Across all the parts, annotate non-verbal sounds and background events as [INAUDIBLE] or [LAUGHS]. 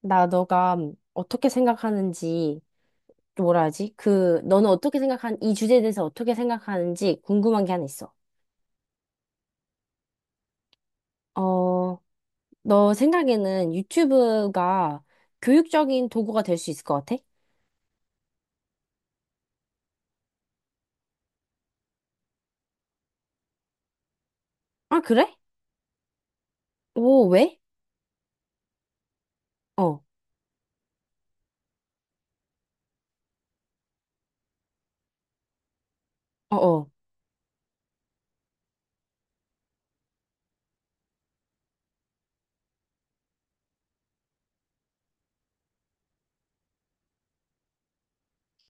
나 너가 어떻게 생각하는지, 또 뭐라 하지? 그, 너는 이 주제에 대해서 어떻게 생각하는지 궁금한 게 하나 있어. 어, 너 생각에는 유튜브가 교육적인 도구가 될 수 있을 것 같아? 아, 그래? 오, 왜? 어, 어, 어.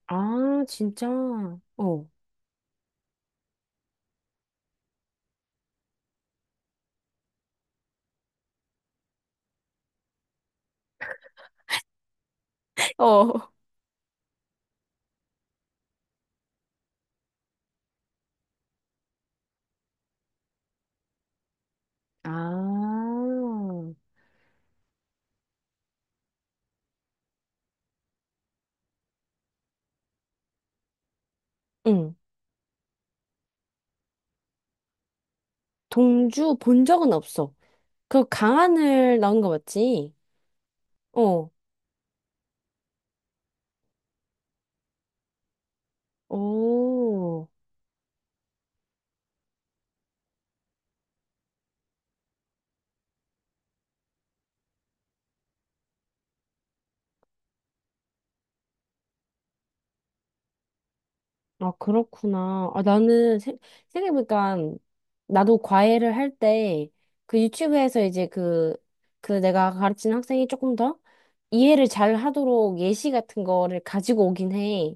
아, 진짜? 어. [LAUGHS] 어. 아, 응. 동주 본 적은 없어. 그 강하늘 나온 거 맞지? 어. 오. 아, 그렇구나. 생각해보니까 나도 과외를 할 때 그 유튜브에서 이제 그, 그 내가 가르치는 학생이 조금 더 이해를 잘 하도록 예시 같은 거를 가지고 오긴 해.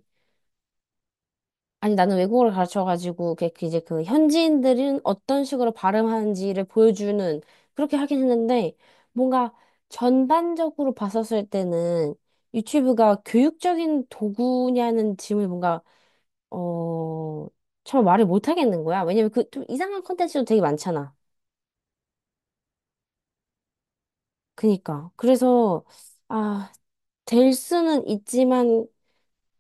아니, 나는 외국어를 가르쳐가지고 그 이제 그 현지인들은 어떤 식으로 발음하는지를 보여주는, 그렇게 하긴 했는데 뭔가 전반적으로 봤었을 때는 유튜브가 교육적인 도구냐는 질문이 뭔가 어, 잘 말을 못 하겠는 거야. 왜냐면 그 좀 이상한 컨텐츠도 되게 많잖아. 그니까. 그래서, 아, 될 수는 있지만,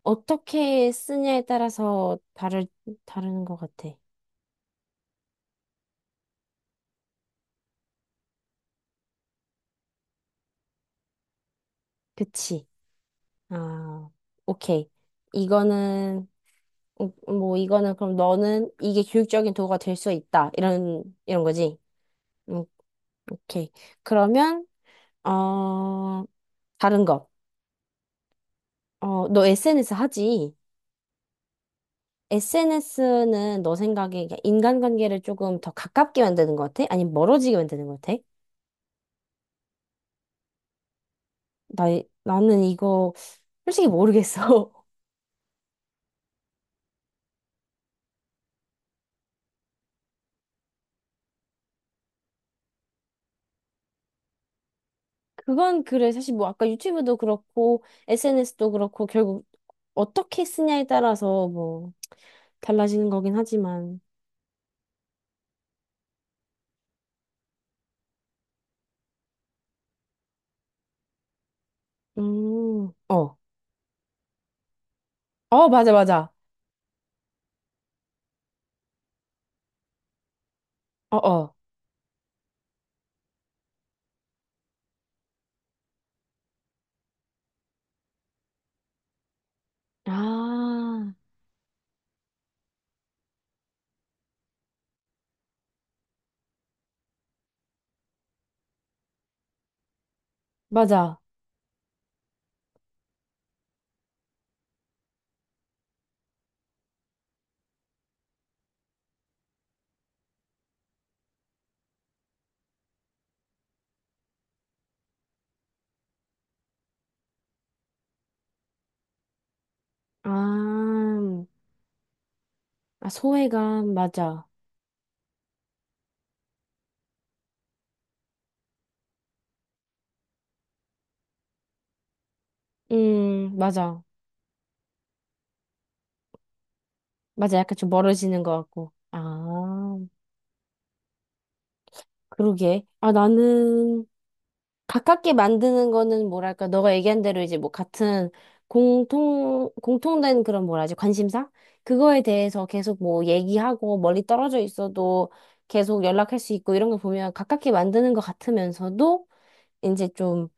어떻게 쓰냐에 따라서 다를, 다르는 것 같아. 그치. 아, 오케이. 이거는, 뭐, 이거는 그럼 너는 이게 교육적인 도구가 될 수 있다. 이런, 이런 거지. 음, 오케이. 그러면, 어, 다른 거. 어, 너 SNS 하지? SNS는 너 생각에 이게 인간관계를 조금 더 가깝게 만드는 것 같아? 아니면 멀어지게 만드는 것 같아? 나, 나는 이거 솔직히 모르겠어. [LAUGHS] 그건 그래. 사실 뭐 아까 유튜브도 그렇고 SNS도 그렇고 결국 어떻게 쓰냐에 따라서 뭐 달라지는 거긴 하지만. 어. 어, 맞아, 맞아. 어, 어. 아, 맞아. 아, 아, 소외감, 맞아. 맞아. 맞아, 약간 좀 멀어지는 것 같고. 아, 그러게. 아, 나는 가깝게 만드는 거는 뭐랄까, 너가 얘기한 대로 이제 뭐 같은 공통된 그런 뭐라 하지, 관심사? 그거에 대해서 계속 뭐 얘기하고 멀리 떨어져 있어도 계속 연락할 수 있고 이런 거 보면 가깝게 만드는 것 같으면서도 이제 좀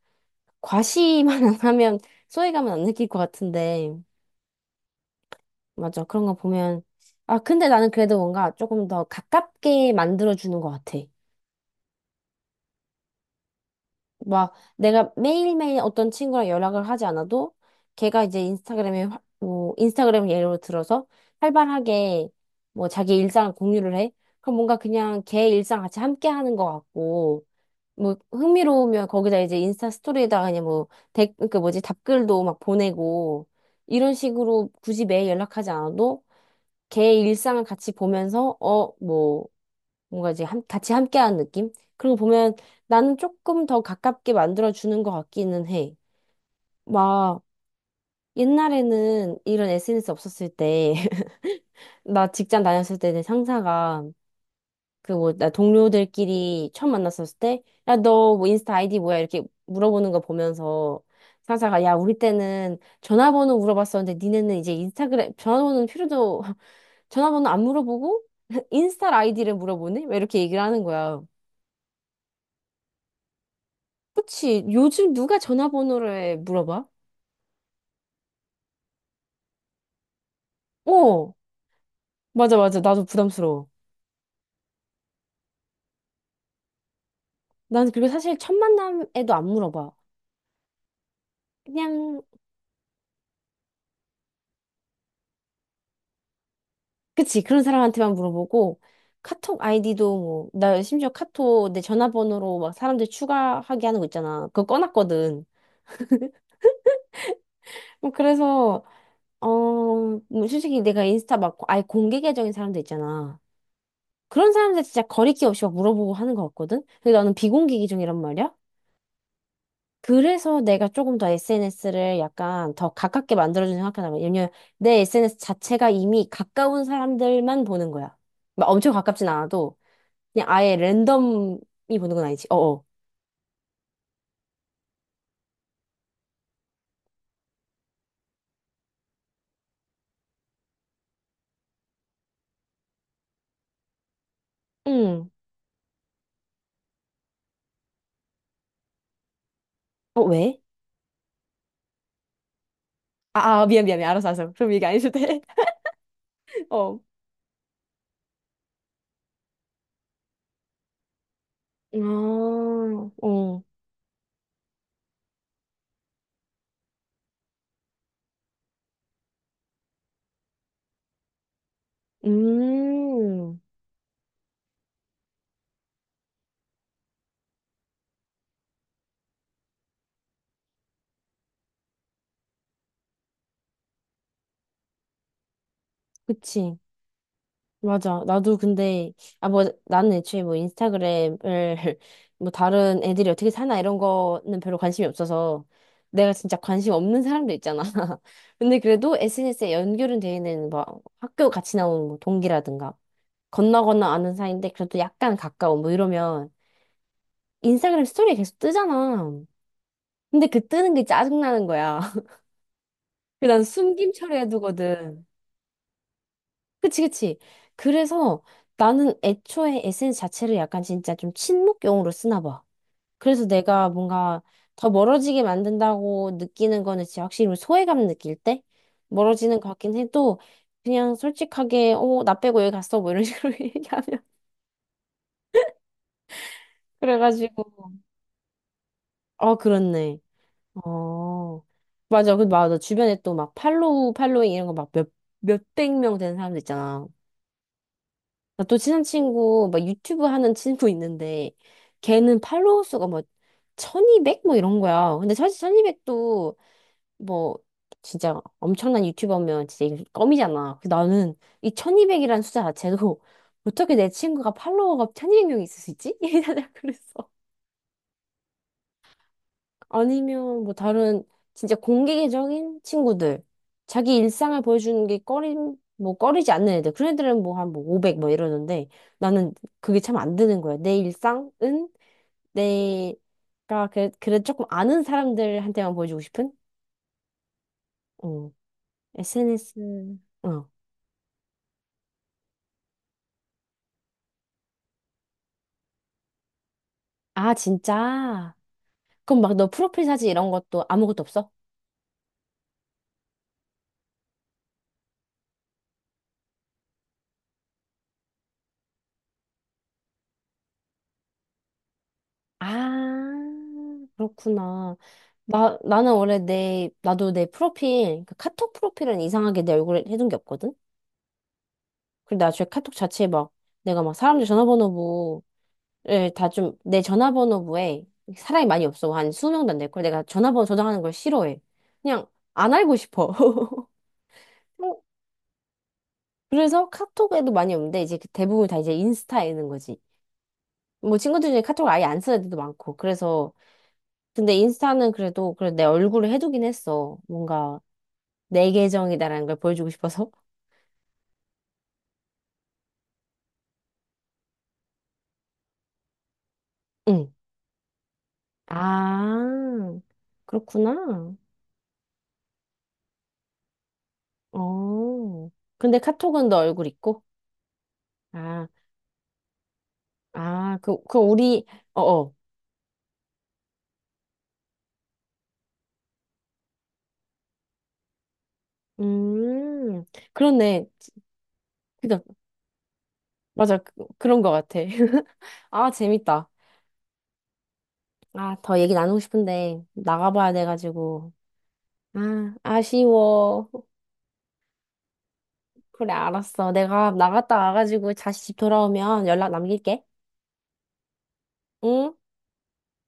과시만 [LAUGHS] 안 하면 소외감은 안 느낄 것 같은데. 맞아, 그런 거 보면. 아, 근데 나는 그래도 뭔가 조금 더 가깝게 만들어주는 것 같아. 막 내가 매일매일 어떤 친구랑 연락을 하지 않아도 걔가 이제 뭐 인스타그램 예로 들어서 활발하게 뭐 자기 일상을 공유를 해. 그럼 뭔가 그냥 걔 일상 같이 함께 하는 것 같고 뭐 흥미로우면 거기다 이제 인스타 스토리에다가 그 뭐지 답글도 막 보내고 이런 식으로 굳이 매일 연락하지 않아도 걔 일상을 같이 보면서 어뭐 뭔가 같이 함께하는 느낌? 그리고 보면 나는 조금 더 가깝게 만들어주는 것 같기는 해. 막 옛날에는 이런 SNS 없었을 때, [LAUGHS] 나 직장 다녔을 때 내 상사가 그 뭐 나 동료들끼리 처음 만났었을 때, 야, 너 뭐 인스타 아이디 뭐야? 이렇게 물어보는 거 보면서 상사가 야, 우리 때는 전화번호 물어봤었는데 니네는 이제 인스타그램 전화번호는 필요도 [LAUGHS] 전화번호 안 물어보고 [LAUGHS] 인스타 아이디를 물어보네? 막 이렇게 얘기를 하는 거야. 그치. 요즘 누가 전화번호를 물어봐? 어, 맞아, 맞아. 나도 부담스러워. 난 그리고 사실 첫 만남에도 안 물어봐. 그냥, 그치. 그런 사람한테만 물어보고, 카톡 아이디도 뭐, 나 심지어 카톡 내 전화번호로 막 사람들 추가하게 하는 거 있잖아. 그거 꺼놨거든. 뭐 그래서, 어, 뭐 솔직히 내가 인스타 막 아예 공개 계정인 사람들 있잖아. 그런 사람들 진짜 거리낌 없이 막 물어보고 하는 거 같거든? 근데 나는 비공개 계정이란 말이야? 그래서 내가 조금 더 SNS를 약간 더 가깝게 만들어주는 생각하다가 왜냐면 내 SNS 자체가 이미 가까운 사람들만 보는 거야. 막 엄청 가깝진 않아도 그냥 아예 랜덤이 보는 건 아니지. 어어. 응. 어, 왜? 아, 미안. 알았어, 알았어. 그럼 얘기 안 해도 돼. [LAUGHS] 어. 아, 어. 음. 그치. 맞아. 나도 근데, 아, 뭐, 나는 애초에 뭐 인스타그램을, [LAUGHS] 뭐 다른 애들이 어떻게 사나 이런 거는 별로 관심이 없어서, 내가 진짜 관심 없는 사람도 있잖아. [LAUGHS] 근데 그래도 SNS에 연결은 돼 있는 뭐 학교 같이 나온 뭐 동기라든가, 건너 건너 아는 사이인데 그래도 약간 가까운 뭐 이러면, 인스타그램 스토리 계속 뜨잖아. 근데 그 뜨는 게 짜증나는 거야. [LAUGHS] 그난 숨김 처리해두거든. 그치. 그래서 나는 애초에 에 n 스 자체를 약간 진짜 좀 친목용으로 쓰나 봐. 그래서 내가 뭔가 더 멀어지게 만든다고 느끼는 거는 진짜 확실히 소외감 느낄 때 멀어지는 것 같긴 해도 그냥 솔직하게, 어, 나 빼고 여기 갔어. 뭐 이런 식으로 [LAUGHS] 얘기하면. 그래가지고, 어, 그렇네. 어. 맞아. 그, 맞아. 주변에 또 막 팔로우, 팔로잉 이런 거 막 몇, 몇백 명 되는 사람들 있잖아. 나 또 친한 친구, 막 유튜브 하는 친구 있는데, 걔는 팔로워 수가 뭐, 1200? 뭐 이런 거야. 근데 사실 1200도 뭐, 진짜 엄청난 유튜버면 진짜 이거 껌이잖아. 그래서 나는 이 1200이라는 숫자 자체도 [LAUGHS] 어떻게 내 친구가 팔로워가 1200명이 있을 수 있지? [LAUGHS] 이러다 그랬어. 아니면 뭐 다른 진짜 공개적인 친구들 자기 일상을 보여주는 게 꺼림 뭐 꺼리지 않는 애들 그런 애들은 뭐 한 뭐 500 뭐 이러는데 나는 그게 참 안 되는 거야. 내 일상은 내가 그 그래 조금 아는 사람들한테만 보여주고 싶은. 어, SNS. 어, 아, 진짜? 그럼 막 너 프로필 사진 이런 것도 아무것도 없어? 아, 그렇구나. 나는 원래 나도 내 프로필, 그 카톡 프로필은 이상하게 내 얼굴에 해둔 게 없거든? 근데 나중에 카톡 자체에 막, 내가 막 사람들 전화번호부를 다 좀, 내 전화번호부에 사람이 많이 없어. 한 20명도 안 될걸. 내가 전화번호 저장하는 걸 싫어해. 그냥 안 알고 싶어. [LAUGHS] 어, 그래서 카톡에도 많이 없는데, 이제 그 대부분 다 이제 인스타에 있는 거지. 뭐 친구들 중에 카톡을 아예 안 쓰는 애들도 많고. 그래서 근데 인스타는 그래도 내 얼굴을 해두긴 했어. 뭔가 내 계정이다라는 걸 보여주고 싶어서. [LAUGHS] 응. 아, 그렇구나. 어. 근데 카톡은 너 얼굴 있고? 아, 아, 그 우리, 어, 어. 음, 그렇네. 그니까, 맞아. 그, 그런 것 같아. [LAUGHS] 아, 재밌다. 아, 더 얘기 나누고 싶은데, 나가봐야 돼가지고. 아, 아쉬워. 그래, 알았어. 내가 나갔다 와가지고 다시 집 돌아오면 연락 남길게. 응?